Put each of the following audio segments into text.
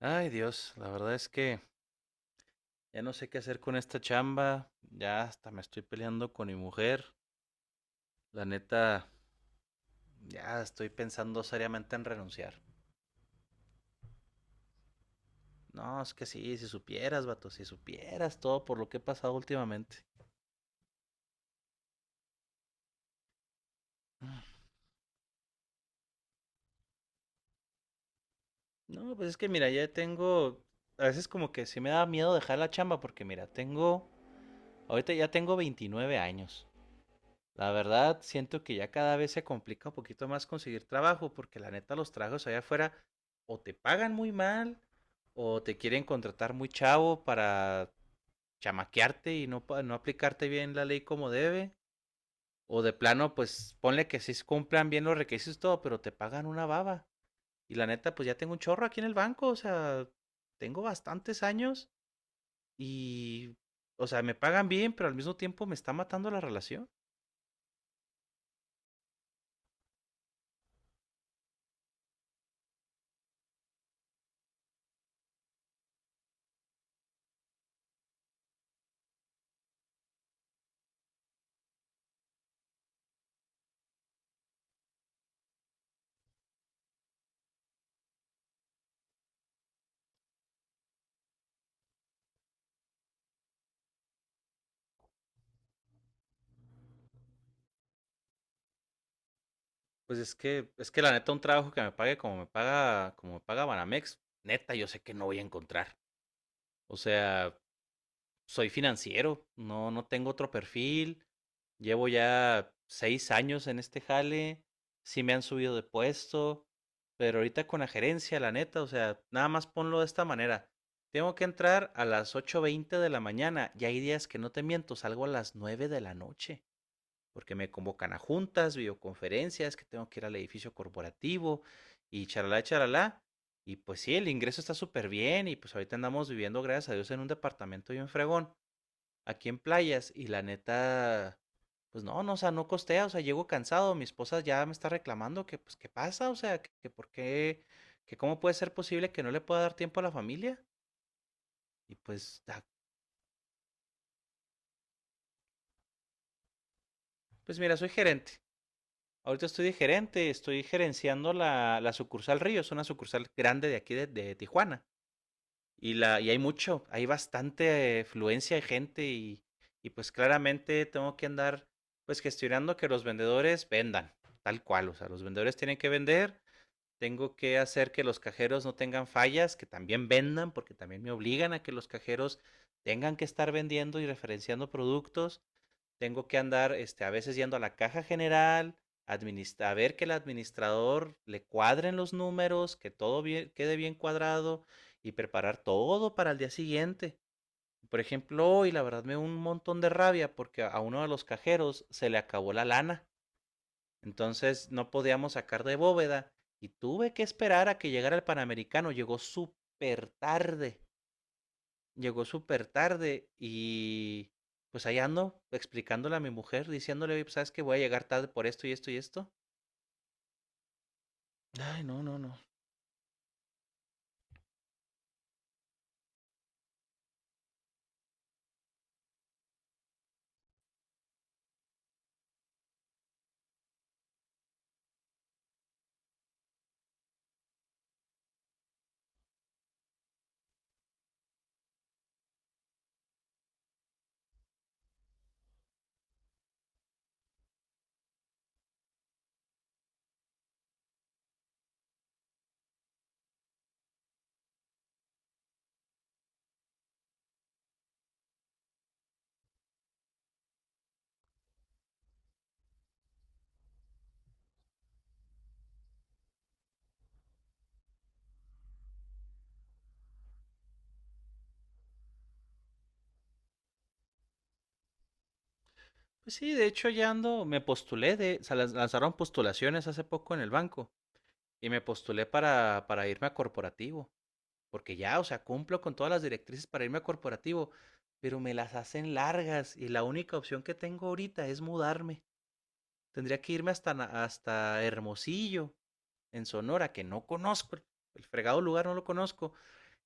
Ay, Dios, la verdad es que ya no sé qué hacer con esta chamba, ya hasta me estoy peleando con mi mujer, la neta, ya estoy pensando seriamente en renunciar. No, es que sí, si supieras, vato, si supieras todo por lo que he pasado últimamente. No, pues es que mira, a veces como que sí me da miedo dejar la chamba porque mira, ahorita ya tengo 29 años. La verdad, siento que ya cada vez se complica un poquito más conseguir trabajo, porque la neta los trabajos allá afuera o te pagan muy mal, o te quieren contratar muy chavo para chamaquearte y no, no aplicarte bien la ley como debe, o de plano, pues ponle que sí cumplan bien los requisitos y todo, pero te pagan una baba. Y la neta, pues ya tengo un chorro aquí en el banco, o sea, tengo bastantes años y, o sea, me pagan bien, pero al mismo tiempo me está matando la relación. Pues es que la neta, un trabajo que me pague como me paga Banamex, neta, yo sé que no voy a encontrar. O sea, soy financiero, no, no tengo otro perfil. Llevo ya 6 años en este jale. Sí me han subido de puesto. Pero ahorita con la gerencia, la neta, o sea, nada más ponlo de esta manera. Tengo que entrar a las 8:20 de la mañana y hay días que no te miento, salgo a las 9 de la noche porque me convocan a juntas, videoconferencias, que tengo que ir al edificio corporativo y charalá, charalá. Y pues sí, el ingreso está súper bien y pues ahorita andamos viviendo, gracias a Dios, en un departamento bien fregón, aquí en playas y la neta, pues no, no, o sea, no costea, o sea, llego cansado, mi esposa ya me está reclamando que pues qué pasa, o sea, que por qué, que cómo puede ser posible que no le pueda dar tiempo a la familia. Y pues, ah, pues mira, soy gerente. Ahorita estoy de gerente, estoy gerenciando la sucursal Río, es una sucursal grande de aquí de Tijuana. Y hay bastante fluencia de gente y pues claramente tengo que andar pues gestionando que los vendedores vendan, tal cual, o sea, los vendedores tienen que vender, tengo que hacer que los cajeros no tengan fallas, que también vendan, porque también me obligan a que los cajeros tengan que estar vendiendo y referenciando productos. Tengo que andar a veces yendo a la caja general, a ver que el administrador le cuadren los números, que todo bien, quede bien cuadrado y preparar todo para el día siguiente. Por ejemplo, hoy la verdad me dio un montón de rabia porque a uno de los cajeros se le acabó la lana. Entonces no podíamos sacar de bóveda y tuve que esperar a que llegara el Panamericano. Llegó súper tarde. Llegó súper tarde y, pues, ahí ando explicándole a mi mujer, diciéndole: "Oye, pues, ¿sabes qué? Voy a llegar tarde por esto y esto y esto". Ay, no, no, no. Pues sí, de hecho ya ando, me postulé de, se lanz- lanzaron postulaciones hace poco en el banco y me postulé para irme a corporativo, porque ya, o sea, cumplo con todas las directrices para irme a corporativo, pero me las hacen largas y la única opción que tengo ahorita es mudarme. Tendría que irme hasta Hermosillo, en Sonora, que no conozco, el fregado lugar no lo conozco,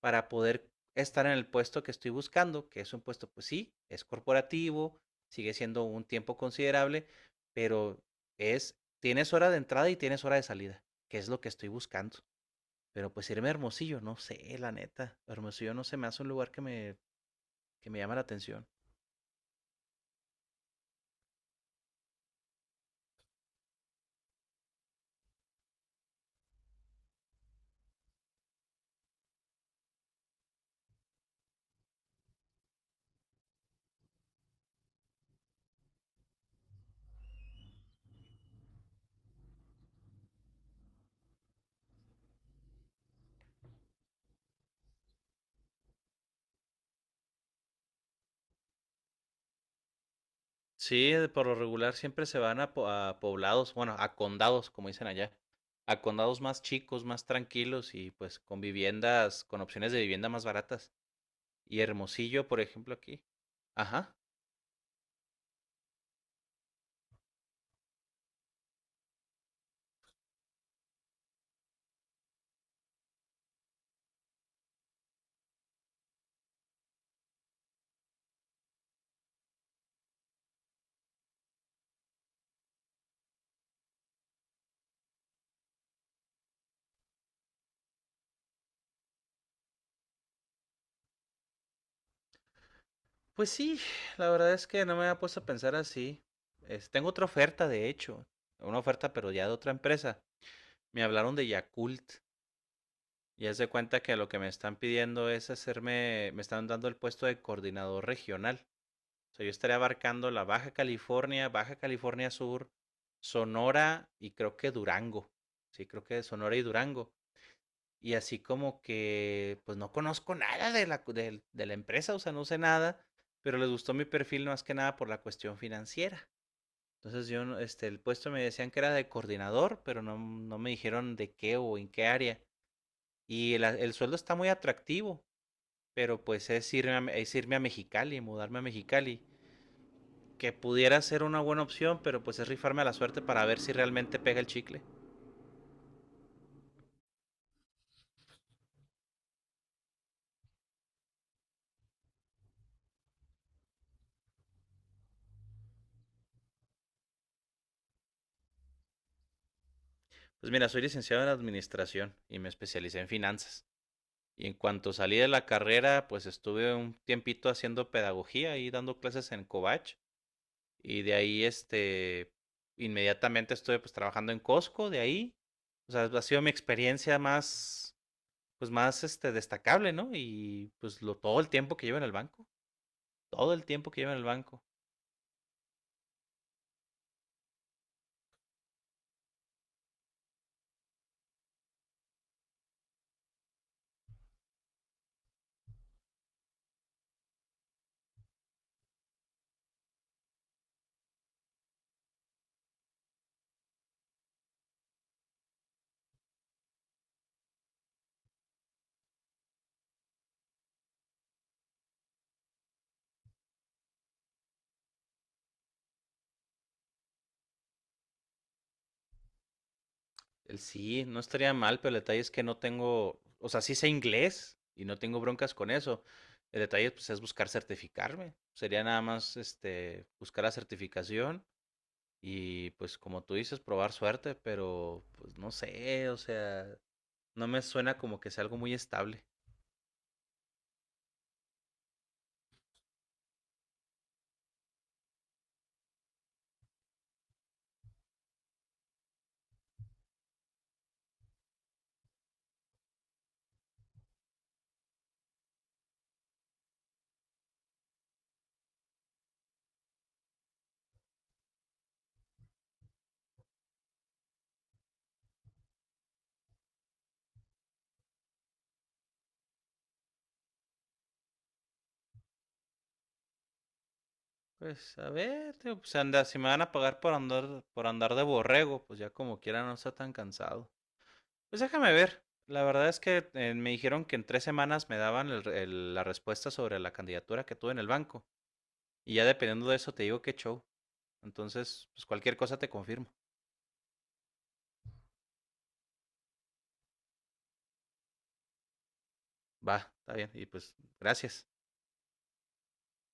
para poder estar en el puesto que estoy buscando, que es un puesto, pues sí, es corporativo, sigue siendo un tiempo considerable, pero es, tienes hora de entrada y tienes hora de salida, que es lo que estoy buscando. Pero pues irme a Hermosillo, no sé, la neta. Hermosillo no se me hace un lugar que me llama la atención. Sí, por lo regular siempre se van a poblados, bueno, a condados, como dicen allá, a condados más chicos, más tranquilos y pues con viviendas, con opciones de vivienda más baratas. Y Hermosillo, por ejemplo, aquí. Ajá. Pues sí, la verdad es que no me había puesto a pensar así. Tengo otra oferta, de hecho, una oferta, pero ya de otra empresa. Me hablaron de Yakult y haz de cuenta que lo que me están pidiendo es hacerme, me están dando el puesto de coordinador regional. O sea, yo estaría abarcando la Baja California, Baja California Sur, Sonora y creo que Durango. Sí, creo que Sonora y Durango. Y así como que, pues no conozco nada de la empresa, o sea, no sé nada, pero les gustó mi perfil más que nada por la cuestión financiera. Entonces yo, el puesto me decían que era de coordinador, pero no, no me dijeron de qué o en qué área. Y el sueldo está muy atractivo, pero pues es irme a Mexicali, mudarme a Mexicali, que pudiera ser una buena opción, pero pues es rifarme a la suerte para ver si realmente pega el chicle. Pues mira, soy licenciado en administración y me especialicé en finanzas. Y en cuanto salí de la carrera, pues estuve un tiempito haciendo pedagogía y dando clases en Covach. Y de ahí, inmediatamente estuve pues trabajando en Costco, de ahí. O sea, ha sido mi experiencia más, destacable, ¿no? Y pues lo, todo el tiempo que llevo en el banco, todo el tiempo que llevo en el banco. El sí, no estaría mal, pero el detalle es que no tengo, o sea, sí sé inglés y no tengo broncas con eso. El detalle pues, es buscar certificarme. Sería nada más buscar la certificación y pues como tú dices, probar suerte, pero pues no sé, o sea, no me suena como que sea algo muy estable. Pues a ver, tío, pues anda, si me van a pagar por andar de borrego, pues ya como quiera no está tan cansado. Pues déjame ver. La verdad es que me dijeron que en 3 semanas me daban la respuesta sobre la candidatura que tuve en el banco. Y ya dependiendo de eso te digo qué show. Entonces, pues cualquier cosa te confirmo. Va, está bien. Y pues, gracias.